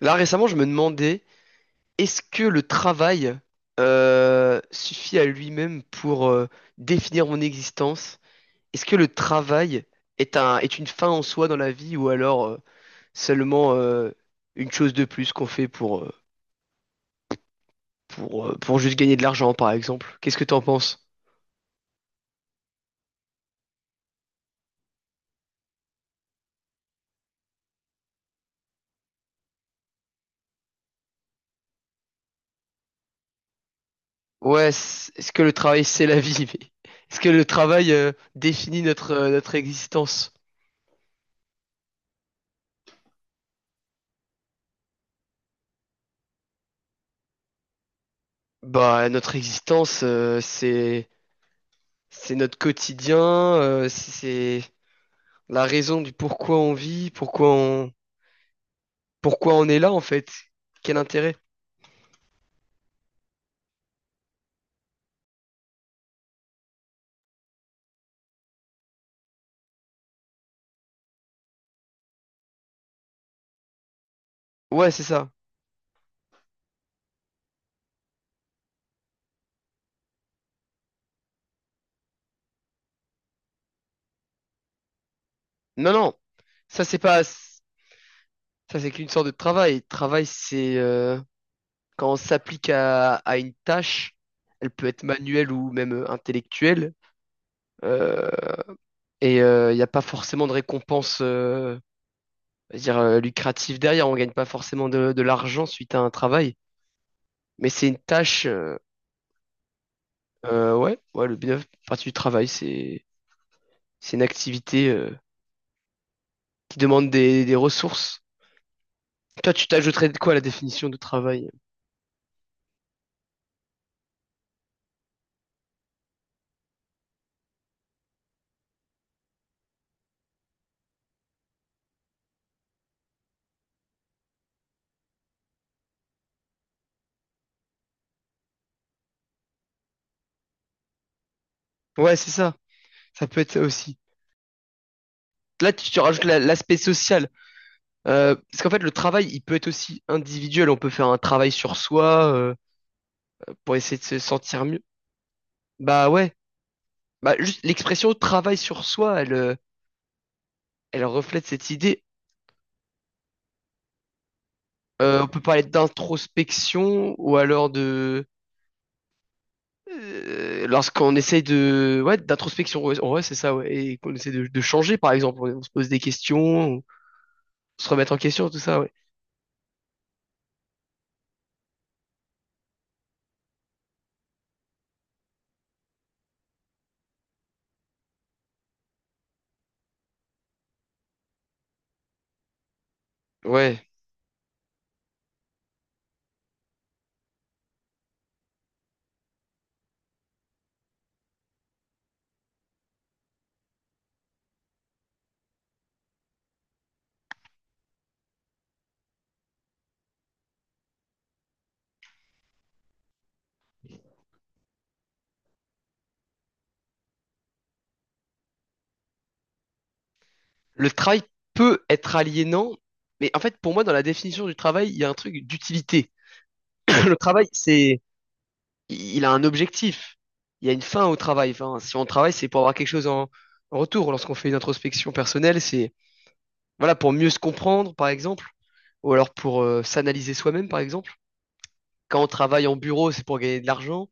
Là, récemment, je me demandais, est-ce que le travail suffit à lui-même pour définir mon existence? Est-ce que le travail est une fin en soi dans la vie ou alors seulement une chose de plus qu'on fait pour juste gagner de l'argent, par exemple? Qu'est-ce que t'en penses? Ouais, est-ce que le travail, c'est la vie? Mais est-ce que le travail définit notre existence? Bah, notre existence, c'est notre quotidien, c'est la raison du pourquoi on vit, pourquoi on est là en fait. Quel intérêt? Ouais, c'est ça. Non, non, ça c'est pas, ça c'est qu'une sorte de travail. Travail, c'est quand on s'applique à une tâche, elle peut être manuelle ou même intellectuelle, euh, et il n'y a pas forcément de récompense, je veux dire lucrative derrière. On gagne pas forcément de l'argent suite à un travail, mais c'est une tâche. Ouais, ouais, le bien partie du travail, c'est une activité qui demande des ressources. Toi, tu t'ajouterais de quoi à la définition de travail? Ouais, c'est ça. Ça peut être ça aussi. Là, tu rajoutes l'aspect social. Parce qu'en fait, le travail, il peut être aussi individuel. On peut faire un travail sur soi pour essayer de se sentir mieux. Bah ouais. Bah juste l'expression travail sur soi, elle reflète cette idée. On peut parler d'introspection ou alors de lorsqu'on essaye de ouais d'introspection ouais, en vrai, c'est ça ouais et qu'on essaie de changer par exemple on se pose des questions, on se remet en question tout ça ouais ouais, le travail peut être aliénant, mais en fait pour moi dans la définition du travail il y a un truc d'utilité. Le travail c'est il a un objectif, il y a une fin au travail, enfin si on travaille c'est pour avoir quelque chose en retour. Lorsqu'on fait une introspection personnelle c'est voilà pour mieux se comprendre par exemple, ou alors pour s'analyser soi-même par exemple. Quand on travaille en bureau c'est pour gagner de l'argent.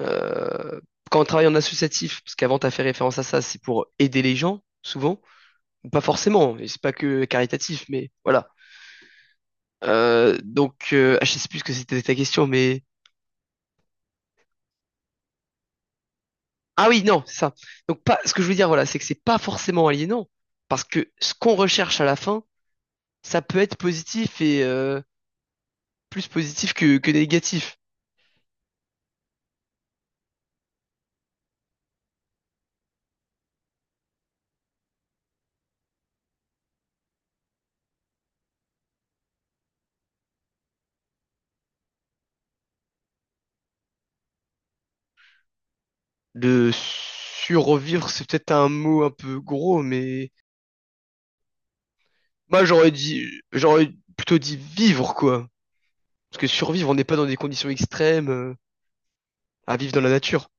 Euh, quand on travaille en associatif, parce qu'avant t'as fait référence à ça, c'est pour aider les gens, souvent, ou pas forcément, et c'est pas que caritatif, mais voilà. Je sais plus ce que c'était ta question, mais ah oui, non, c'est ça. Donc pas, ce que je veux dire, voilà, c'est que c'est pas forcément aliénant, parce que ce qu'on recherche à la fin, ça peut être positif et plus positif que négatif. De survivre, c'est peut-être un mot un peu gros, mais moi j'aurais dit, j'aurais plutôt dit vivre, quoi. Parce que survivre, on n'est pas dans des conditions extrêmes, à vivre dans la nature.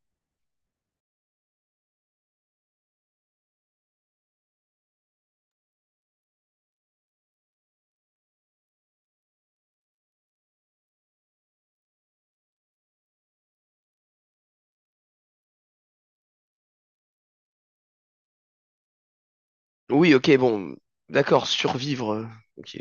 Oui, ok, bon, d'accord, survivre. Ok.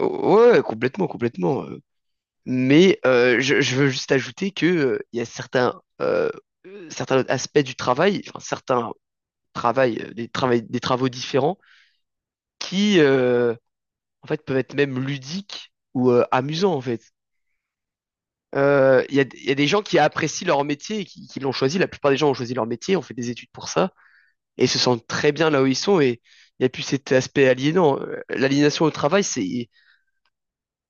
Ouais, complètement, complètement. Mais je veux juste ajouter que il y a certains autres aspects du travail, enfin, certains travail, des travaux différents qui, euh, en fait, peuvent être même ludiques ou amusants, en fait. Il y a des gens qui apprécient leur métier, et qui l'ont choisi. La plupart des gens ont choisi leur métier, ont fait des études pour ça, et se sentent très bien là où ils sont et il n'y a plus cet aspect aliénant. L'aliénation au travail,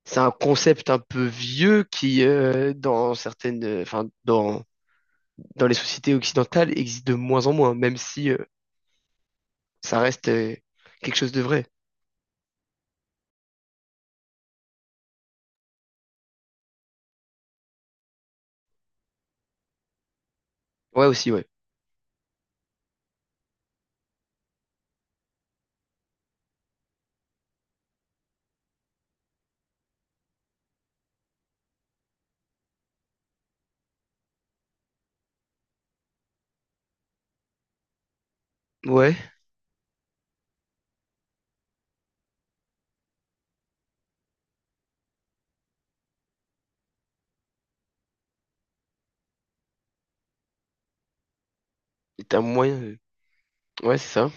c'est un concept un peu vieux qui dans certaines enfin, dans dans les sociétés occidentales existe de moins en moins même si ça reste quelque chose de vrai. Ouais aussi ouais. Ouais, c'est un ouais, c'est ça.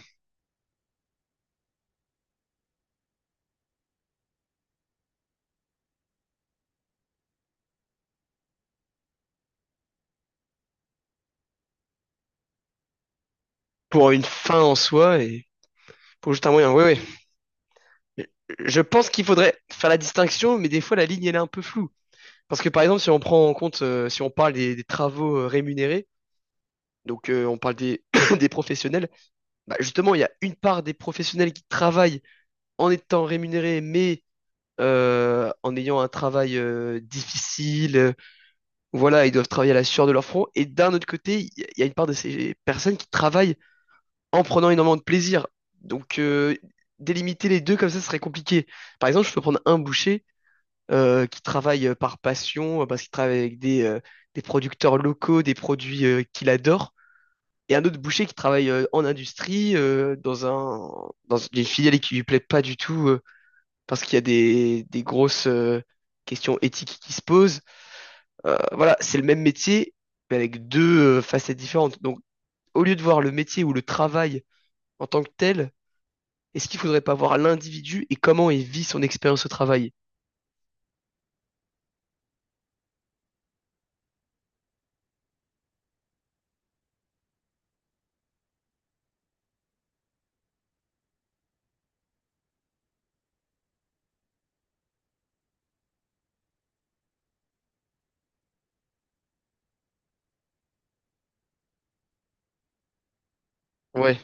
Pour une fin en soi et pour juste un moyen. Ouais ouais. Je pense qu'il faudrait faire la distinction, mais des fois la ligne elle est un peu floue. Parce que par exemple, si on prend en compte, si on parle des travaux rémunérés, on parle des, des professionnels. Bah, justement, il y a une part des professionnels qui travaillent en étant rémunérés, mais en ayant un travail difficile. Voilà, ils doivent travailler à la sueur de leur front. Et d'un autre côté, il y a une part de ces personnes qui travaillent en prenant énormément de plaisir. Donc euh, délimiter les deux comme ça serait compliqué. Par exemple, je peux prendre un boucher qui travaille par passion, parce qu'il travaille avec des producteurs locaux, des produits qu'il adore, et un autre boucher qui travaille en industrie, dans une filiale qui lui plaît pas du tout, parce qu'il y a des grosses questions éthiques qui se posent. Voilà, c'est le même métier, mais avec deux facettes différentes. Donc, au lieu de voir le métier ou le travail en tant que tel, est-ce qu'il faudrait pas voir l'individu et comment il vit son expérience au travail? Ouais.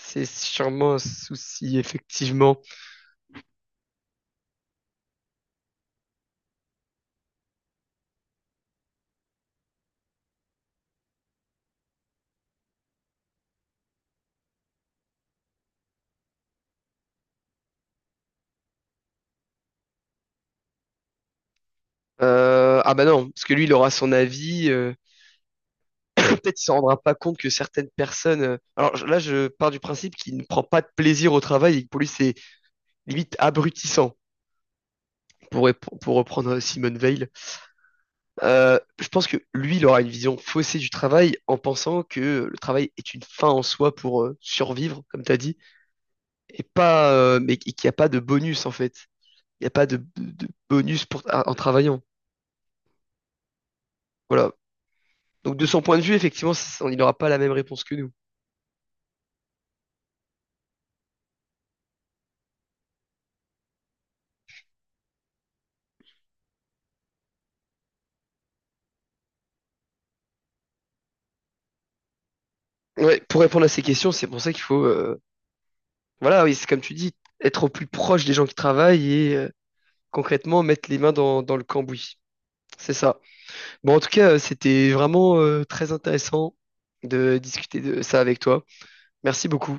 C'est sûrement un souci, effectivement. Ah bah non, parce que lui, il aura son avis. Peut-être il s'en rendra pas compte que certaines personnes. Alors là, je pars du principe qu'il ne prend pas de plaisir au travail et que pour lui, c'est limite abrutissant. Pour, pour reprendre Simone Veil, je pense que lui, il aura une vision faussée du travail en pensant que le travail est une fin en soi pour survivre, comme tu as dit, et pas, mais qu'il n'y a pas de bonus en fait. Il n'y a pas bonus pour, en travaillant. Voilà. Donc de son point de vue, effectivement, on il n'aura pas la même réponse que nous. Ouais, pour répondre à ces questions, c'est pour ça qu'il faut voilà, oui, c'est comme tu dis, être au plus proche des gens qui travaillent et concrètement mettre les mains dans le cambouis. C'est ça. Bon, en tout cas, c'était vraiment très intéressant de discuter de ça avec toi. Merci beaucoup.